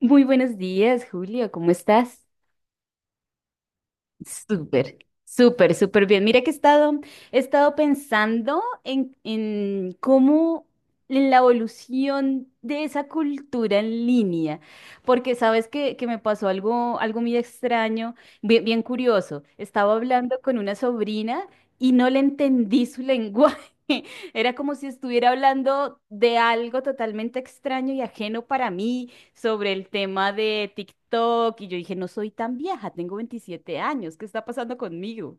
Muy buenos días, Julio. ¿Cómo estás? Súper, súper, súper bien. Mira que he estado pensando en cómo en la evolución de esa cultura en línea, porque sabes que me pasó algo muy extraño, bien, bien curioso. Estaba hablando con una sobrina y no le entendí su lenguaje. Era como si estuviera hablando de algo totalmente extraño y ajeno para mí sobre el tema de TikTok y yo dije, no soy tan vieja, tengo 27 años, ¿qué está pasando conmigo?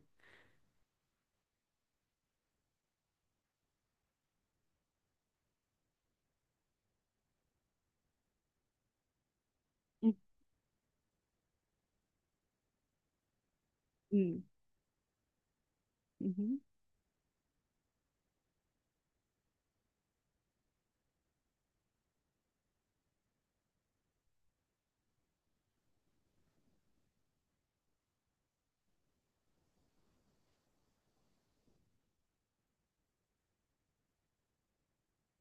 Mm, mm, ujú,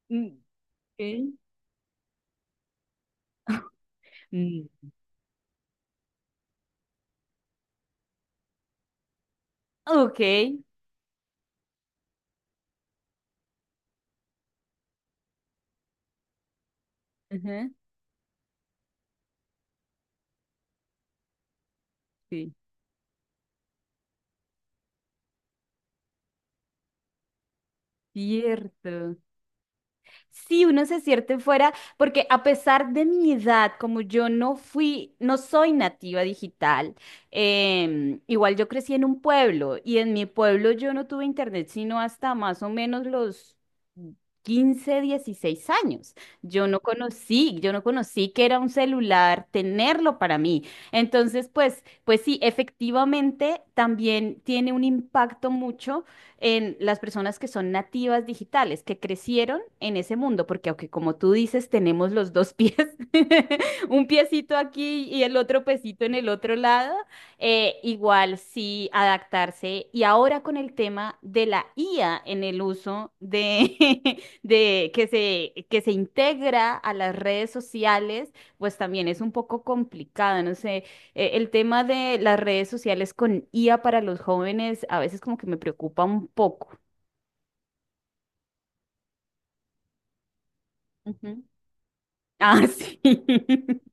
mm, ok. Mm, ok, ajá, sí, cierto. Sí, uno se siente fuera, porque a pesar de mi edad, como yo no fui, no soy nativa digital, igual yo crecí en un pueblo y en mi pueblo yo no tuve internet sino hasta más o menos los 15, 16 años. Yo no conocí que era un celular, tenerlo para mí. Entonces, pues sí, efectivamente también tiene un impacto mucho en las personas que son nativas digitales, que crecieron en ese mundo, porque aunque como tú dices, tenemos los dos pies, un piecito aquí y el otro piecito en el otro lado, igual sí adaptarse. Y ahora con el tema de la IA en el uso de, que se integra a las redes sociales, pues también es un poco complicado, no sé. El tema de las redes sociales con IA para los jóvenes a veces como que me preocupa un poco. Ujú. Ah, sí.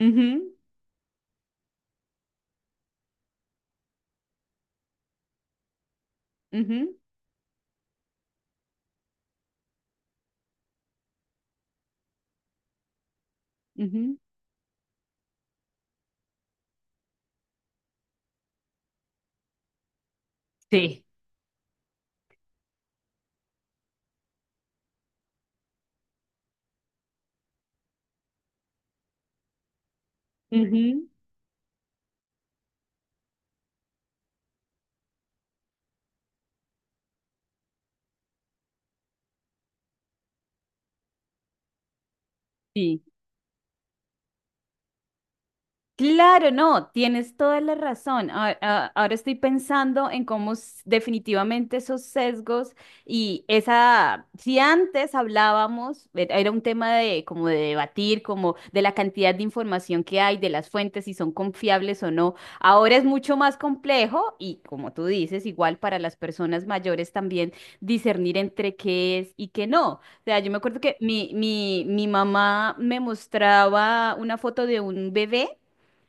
Ujú, ujú, ujú. Sí. Ujú, sí. Claro, no, tienes toda la razón. Ahora estoy pensando en cómo definitivamente esos sesgos y esa, si antes hablábamos, era un tema de como de debatir, como de la cantidad de información que hay, de las fuentes, si son confiables o no. Ahora es mucho más complejo y como tú dices, igual para las personas mayores también discernir entre qué es y qué no. O sea, yo me acuerdo que mi mamá me mostraba una foto de un bebé,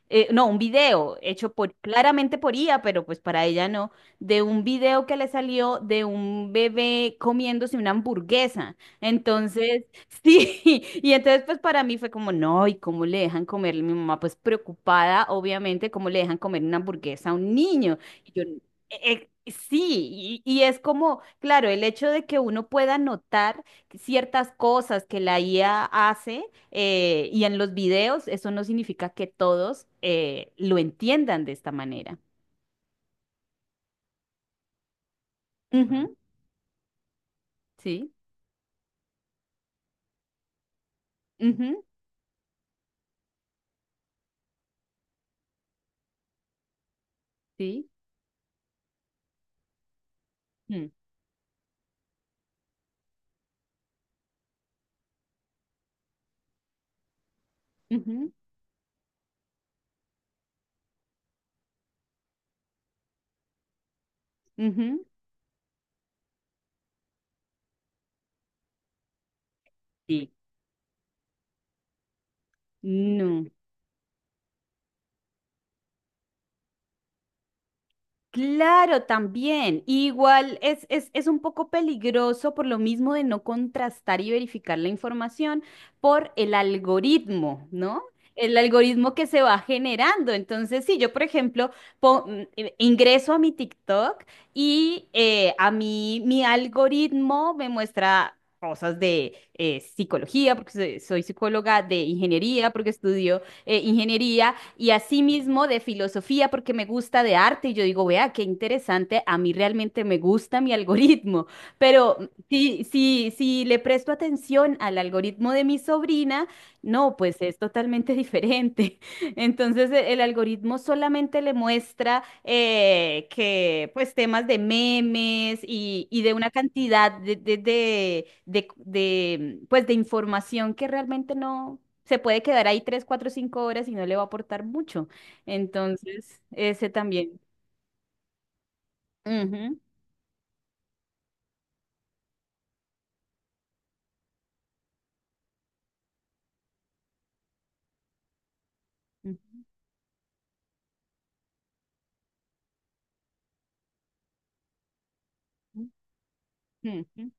no, un video hecho por, claramente por IA, pero pues para ella no, de un video que le salió de un bebé comiéndose una hamburguesa. Entonces, sí, y entonces pues para mí fue como, no, ¿y cómo le dejan comer? Mi mamá pues preocupada, obviamente, cómo le dejan comer una hamburguesa a un niño. Y yo, sí, y es como, claro, el hecho de que uno pueda notar ciertas cosas que la IA hace y en los videos eso no significa que todos lo entiendan de esta manera. Ujú, sí, ujú, sí, mm, ujú, ujú, sí, no. Claro, también. Igual es un poco peligroso por lo mismo de no contrastar y verificar la información por el algoritmo, ¿no? El algoritmo que se va generando. Entonces, si yo, por ejemplo, ingreso a mi TikTok y a mí mi algoritmo me muestra cosas de psicología, porque soy psicóloga, de ingeniería, porque estudio ingeniería y asimismo de filosofía porque me gusta de arte y yo digo, vea, qué interesante, a mí realmente me gusta mi algoritmo, pero si le presto atención al algoritmo de mi sobrina, no, pues es totalmente diferente. Entonces el algoritmo solamente le muestra que pues temas de memes y de una cantidad pues de información que realmente no se puede quedar ahí 3, 4, 5 horas y no le va a aportar mucho. Entonces, ese también. Ujú, ujú,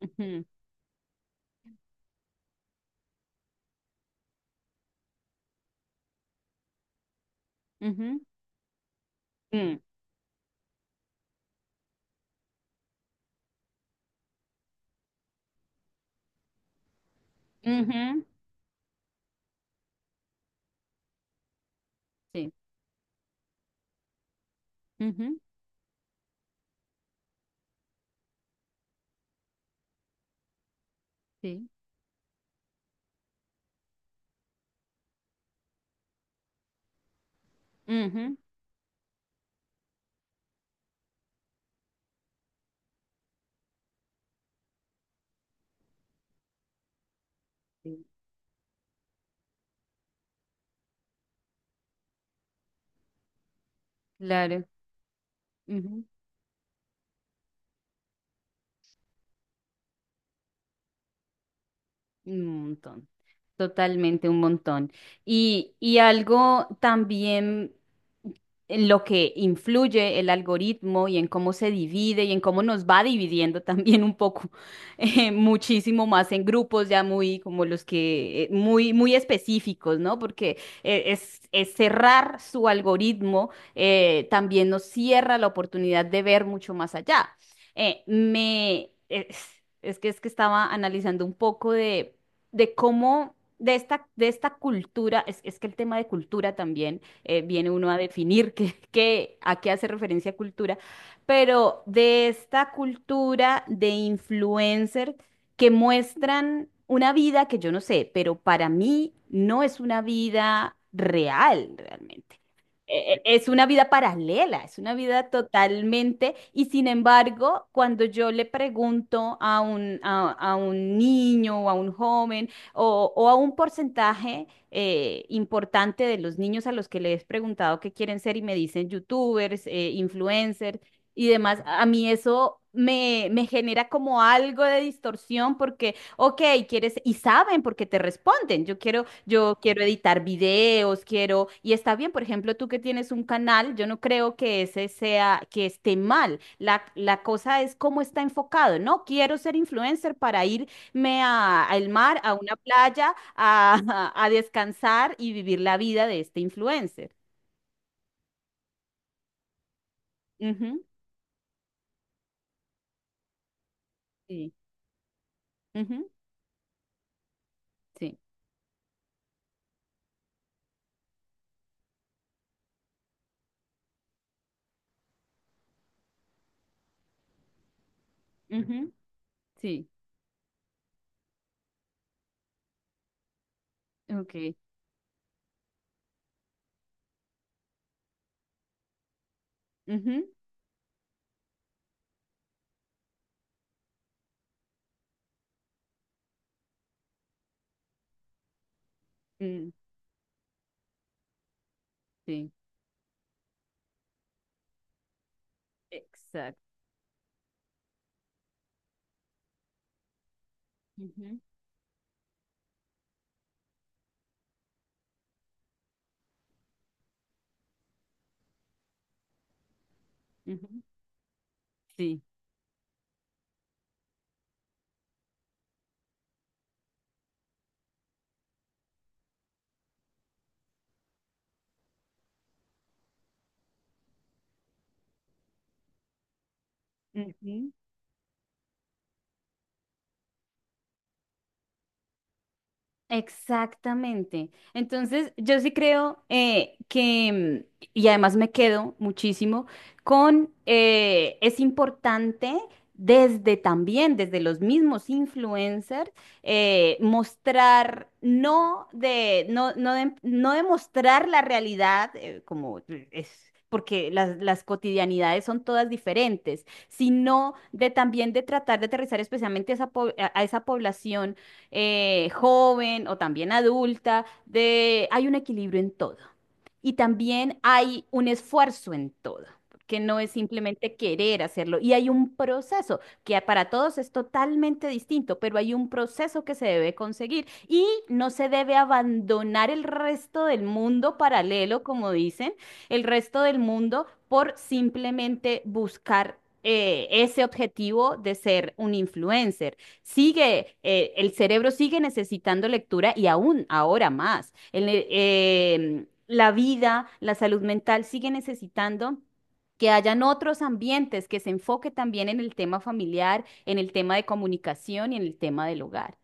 ujú, ujú, ujú, mm, ujú, sí. Ujú, sí. Ujú, sí, claro. Un montón, totalmente un montón. Y algo también en lo que influye el algoritmo y en cómo se divide y en cómo nos va dividiendo también un poco, muchísimo más en grupos ya muy como los que, muy, muy específicos, ¿no? Porque es cerrar su algoritmo, también nos cierra la oportunidad de ver mucho más allá, eh, me es, es que estaba analizando un poco de cómo de esta cultura, es que el tema de cultura también viene uno a definir qué, a qué hace referencia cultura, pero de esta cultura de influencer que muestran una vida que yo no sé, pero para mí no es una vida real realmente. Es una vida paralela, es una vida totalmente, y sin embargo, cuando yo le pregunto a un niño o a un joven o a un porcentaje importante de los niños a los que les he preguntado qué quieren ser y me dicen youtubers, influencers y demás, a mí eso me genera como algo de distorsión porque, ok, quieres, y saben porque te responden, Yo quiero editar videos, quiero, y está bien, por ejemplo, tú que tienes un canal, yo no creo que ese sea, que esté mal. La cosa es cómo está enfocado, ¿no? Quiero ser influencer para irme al mar, a una playa, a, a descansar y vivir la vida de este influencer. Ujú, sí, ujú, sí, ujú, sí, ok, ujú, mm, sí, exacto, ujú, ujú, sí. Ujú, exactamente. Entonces, yo sí creo, y además me quedo muchísimo es importante desde también, desde los mismos influencers, mostrar, no de mostrar la realidad como es. Porque las cotidianidades son todas diferentes, sino de también de tratar de aterrizar especialmente a esa a esa población joven o también adulta, hay un equilibrio en todo. Y también hay un esfuerzo en todo, que no es simplemente querer hacerlo. Y hay un proceso que para todos es totalmente distinto, pero hay un proceso que se debe conseguir y no se debe abandonar el resto del mundo paralelo, como dicen, el resto del mundo por simplemente buscar ese objetivo de ser un influencer sigue, el cerebro sigue necesitando lectura y aún ahora más. La vida, la salud mental sigue necesitando que hayan otros ambientes que se enfoque también en el tema familiar, en el tema de comunicación y en el tema del hogar.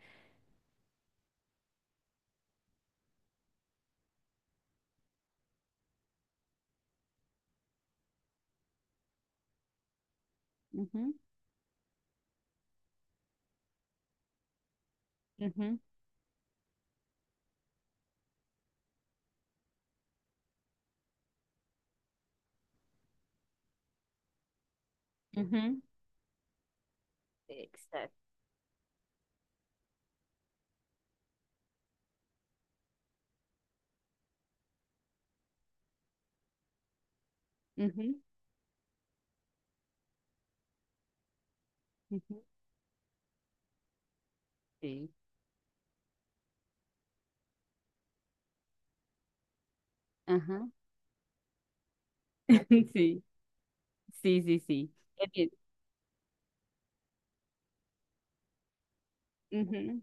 Ujú, ujú, ujú. Exacto. Ujú, ujú. Sí. Ajá. Sí, sí, sí, sí. Es bien. Ujú,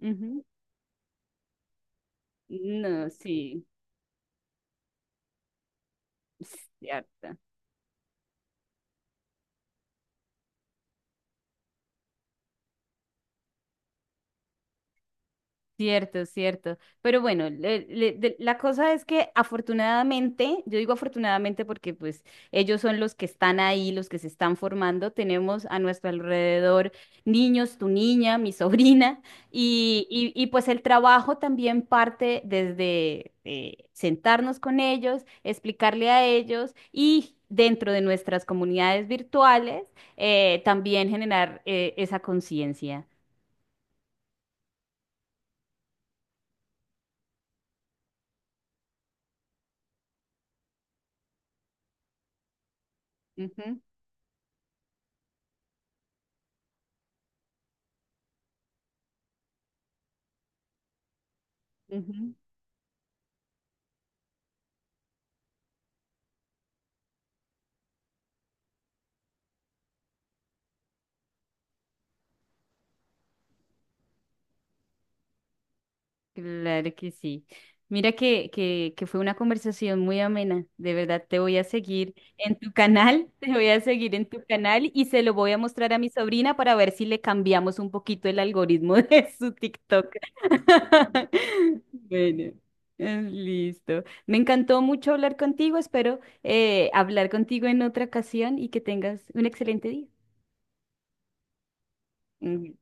ujú. No, sí, cierto. Cierto, cierto. Pero bueno, la cosa es que afortunadamente, yo digo afortunadamente porque pues ellos son los que están ahí, los que se están formando. Tenemos a nuestro alrededor niños, tu niña, mi sobrina, pues el trabajo también parte desde sentarnos con ellos, explicarle a ellos y dentro de nuestras comunidades virtuales también generar esa conciencia. Ujú, ujú. Claro que sí. Mira que fue una conversación muy amena. De verdad, te voy a seguir en tu canal, te voy a seguir en tu canal y se lo voy a mostrar a mi sobrina para ver si le cambiamos un poquito el algoritmo de su TikTok. Bueno, listo. Me encantó mucho hablar contigo. Espero hablar contigo en otra ocasión y que tengas un excelente día. Mm,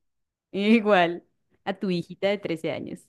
igual a tu hijita de 13 años.